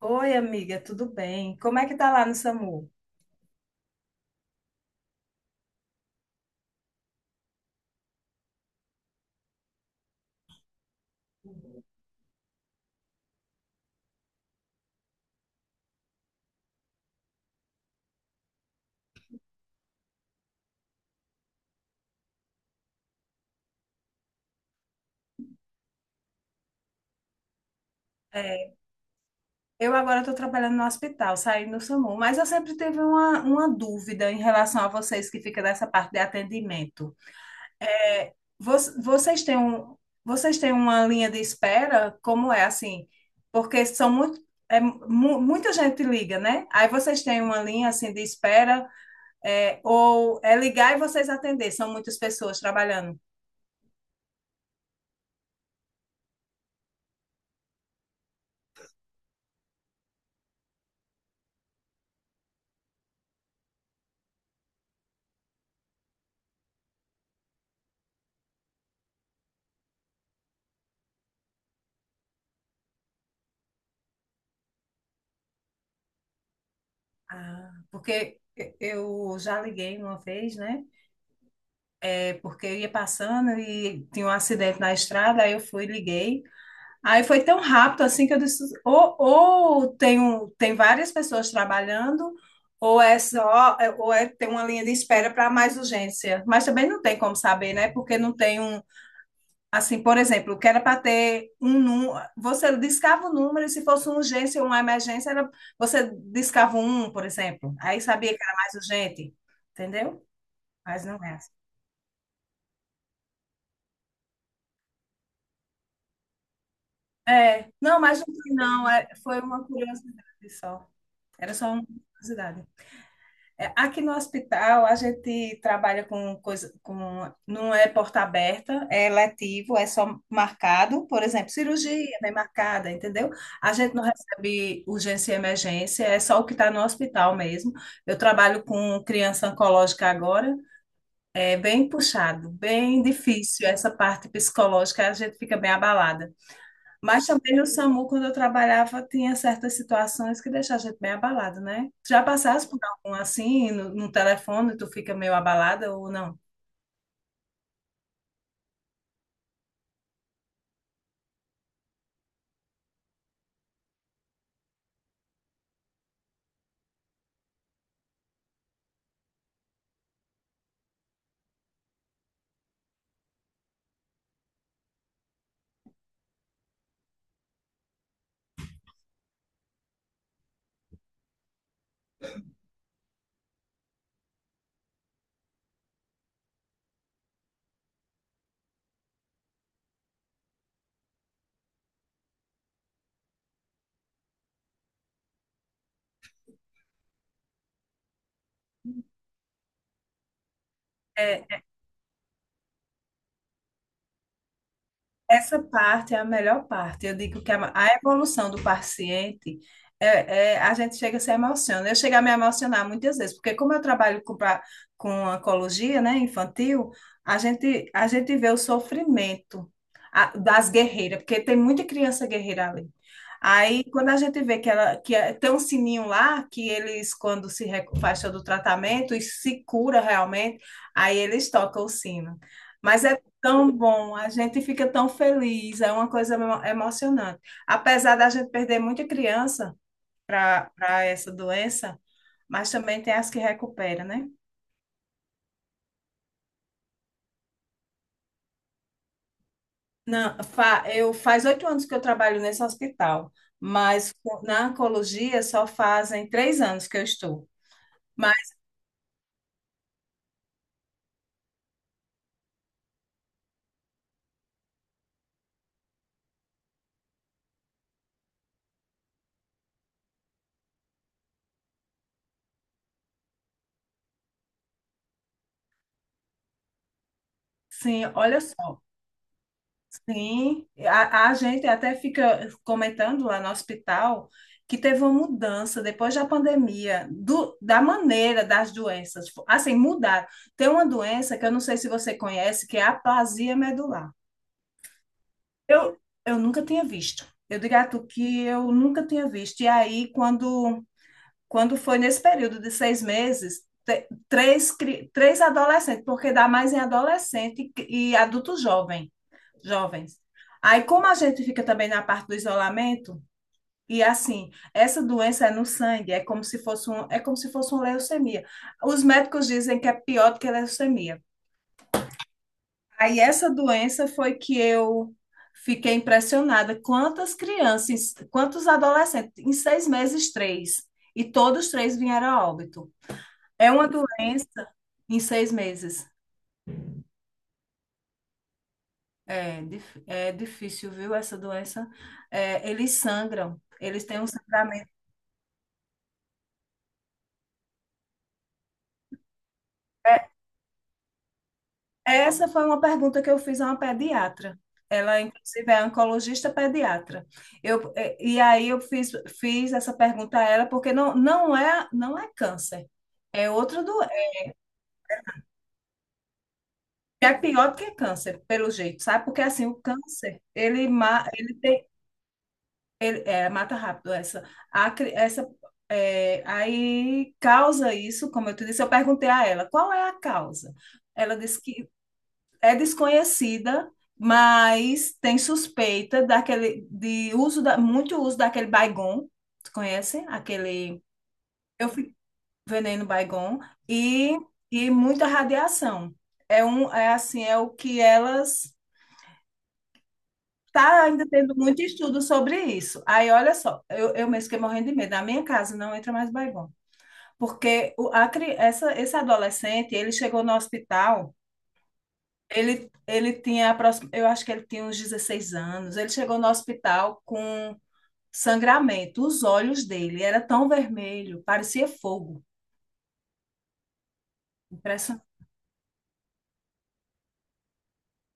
Oi, amiga, tudo bem? Como é que tá lá no SAMU? É, eu agora estou trabalhando no hospital, saí no SAMU, mas eu sempre tive uma dúvida em relação a vocês que ficam nessa parte de atendimento. É, vocês têm uma linha de espera? Como é assim? Porque são muita gente liga, né? Aí vocês têm uma linha assim de espera, ou é ligar e vocês atender? São muitas pessoas trabalhando. Ah, porque eu já liguei uma vez, né? Porque eu ia passando e tinha um acidente na estrada, aí eu fui, liguei. Aí foi tão rápido assim que eu disse, ou tem, tem várias pessoas trabalhando, ou é só, tem uma linha de espera para mais urgência. Mas também não tem como saber, né? Porque não tem um, assim, por exemplo, que era para ter um número, você discava o número e se fosse uma urgência ou uma emergência, era, você discava um, por exemplo. Aí sabia que era mais urgente, entendeu? Mas não é assim. É, não, mas não tem, não. É, foi uma curiosidade só. Era só uma curiosidade. É, aqui no hospital, a gente trabalha com coisa, com, não é porta aberta, é letivo, é só marcado. Por exemplo, cirurgia bem marcada, entendeu? A gente não recebe urgência e emergência, é só o que está no hospital mesmo. Eu trabalho com criança oncológica agora, é bem puxado, bem difícil essa parte psicológica, a gente fica bem abalada. Mas também no SAMU, quando eu trabalhava, tinha certas situações que deixavam a gente bem abalado, né? Já passasse por algum assim, no telefone, tu fica meio abalada ou não? É, essa parte é a melhor parte. Eu digo que a evolução do paciente a gente chega a se emociona. Eu chego a me emocionar muitas vezes, porque como eu trabalho com oncologia, né, infantil, a gente vê o sofrimento das guerreiras, porque tem muita criança guerreira ali. Aí, quando a gente vê que ela que tem um sininho lá, que eles, quando se recu- faz todo o tratamento e se cura realmente, aí eles tocam o sino. Mas é tão bom, a gente fica tão feliz, é uma coisa emocionante. Apesar da gente perder muita criança para essa doença, mas também tem as que recupera, né? Não, eu faz 8 anos que eu trabalho nesse hospital, mas na oncologia só fazem 3 anos que eu estou. Mas sim, olha só. Sim, a gente até fica comentando lá no hospital que teve uma mudança depois da pandemia, da maneira das doenças. Tipo, assim, mudaram. Tem uma doença que eu não sei se você conhece, que é a aplasia medular. Eu, eu nunca tinha visto. Eu digo a tu que eu nunca tinha visto. E aí, quando foi nesse período de 6 meses, três, três adolescentes, porque dá mais em adolescente e adulto jovem jovens. Aí, como a gente fica também na parte do isolamento, e assim, essa doença é no sangue, é como se fosse um, é como se fosse uma leucemia. Os médicos dizem que é pior do que a leucemia. Aí essa doença foi que eu fiquei impressionada. Quantas crianças, quantos adolescentes, em 6 meses, três, e todos três vieram a óbito. É uma doença em 6 meses. É, é difícil, viu, essa doença. É, eles sangram, eles têm um sangramento. É, essa foi uma pergunta que eu fiz a uma pediatra. Ela, inclusive, é oncologista pediatra. E aí eu fiz essa pergunta a ela, porque não é câncer. É outra doença. É pior do que câncer, pelo jeito, sabe? Porque assim, o câncer, ele, ma ele, tem, ele é, mata rápido essa. A cri- essa é, aí causa isso, como eu te disse, eu perguntei a ela, qual é a causa? Ela disse que é desconhecida, mas tem suspeita daquele de uso da, muito uso daquele Baygon, tu conhece? Aquele eu fico veneno Baygon e e muita radiação. É um é assim, é o que elas tá ainda tendo muito estudo sobre isso. Aí olha só, eu mesmo fiquei morrendo de medo. Na minha casa não entra mais Baygon, porque o a, cri- essa esse adolescente, ele chegou no hospital. Ele tinha, eu acho que ele tinha uns 16 anos. Ele chegou no hospital com sangramento. Os olhos dele era tão vermelho, parecia fogo.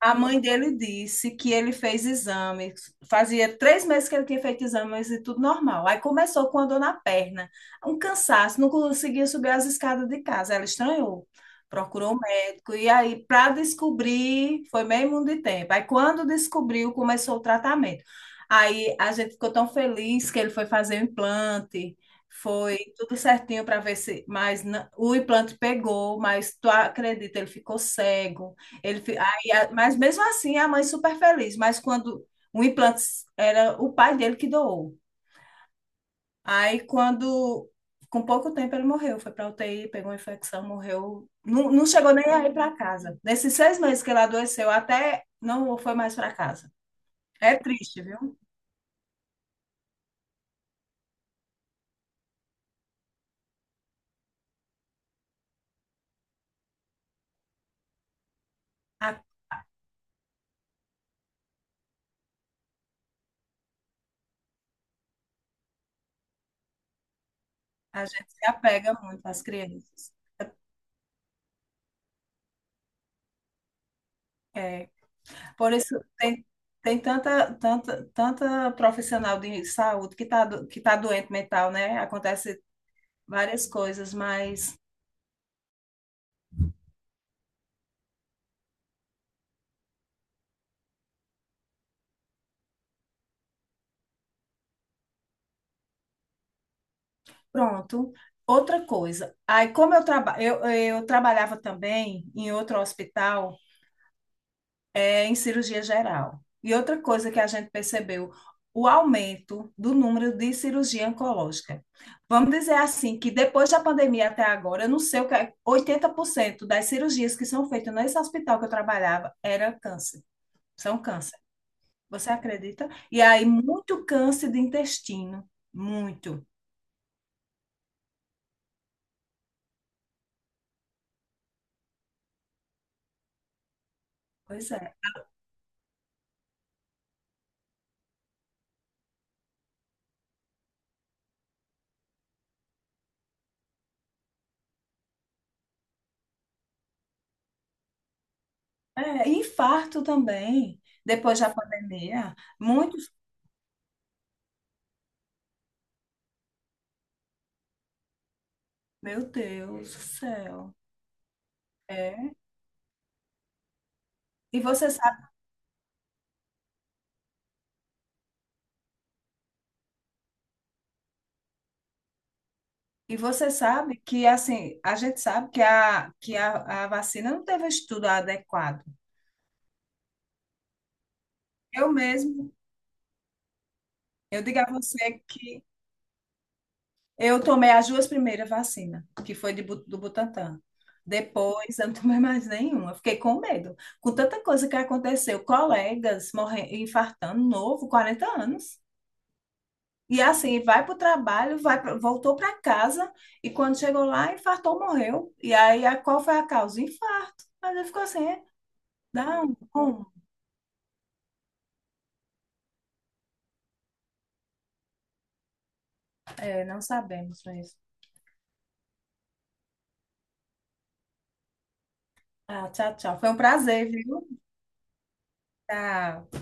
A mãe dele disse que ele fez exames, fazia 3 meses que ele tinha feito exames e tudo normal. Aí começou com a dor na perna, um cansaço, não conseguia subir as escadas de casa. Ela estranhou, procurou um médico. E aí, para descobrir, foi meio mundo de tempo. Aí, quando descobriu, começou o tratamento. Aí a gente ficou tão feliz que ele foi fazer o implante. Foi tudo certinho para ver se, o implante pegou, mas tu acredita, ele ficou cego. Ele, fi- e a- mas mesmo assim, a mãe super feliz. Mas quando o implante era o pai dele que doou. Aí, com pouco tempo, ele morreu. Foi para UTI, pegou uma infecção, morreu. Não, não chegou nem a ir para casa. Nesses 6 meses que ele adoeceu, até não foi mais para casa. É triste, viu? A, a gente se apega muito às crianças. É, por isso, tem tanta, tanta, tanta profissional de saúde que tá doente mental, né? Acontece várias coisas, mas. Pronto. Outra coisa, aí como eu trabalhava também em outro hospital, é, em cirurgia geral. E outra coisa que a gente percebeu, o aumento do número de cirurgia oncológica. Vamos dizer assim, que depois da pandemia até agora, eu não sei o que é, 80% das cirurgias que são feitas nesse hospital que eu trabalhava era câncer, são câncer. Você acredita? E aí, muito câncer de intestino, muito. Pois é. É, e infarto também, depois da pandemia. Muitos, meu Deus do céu. É. E você sabe, e você sabe que assim, a gente sabe que a vacina não teve um estudo adequado. Eu mesmo, eu digo a você que eu tomei as duas primeiras vacinas, que foi do Butantan. Depois eu não tomei mais nenhuma. Fiquei com medo. Com tanta coisa que aconteceu, colegas morrendo, infartando, novo, 40 anos. E assim, vai para o trabalho, voltou para casa e quando chegou lá, infartou, morreu. E aí, qual foi a causa? Infarto. Mas ele ficou assim, é? Dá um, como? É, não sabemos mesmo. Ah, tchau, tchau. Foi um prazer, viu? Tchau.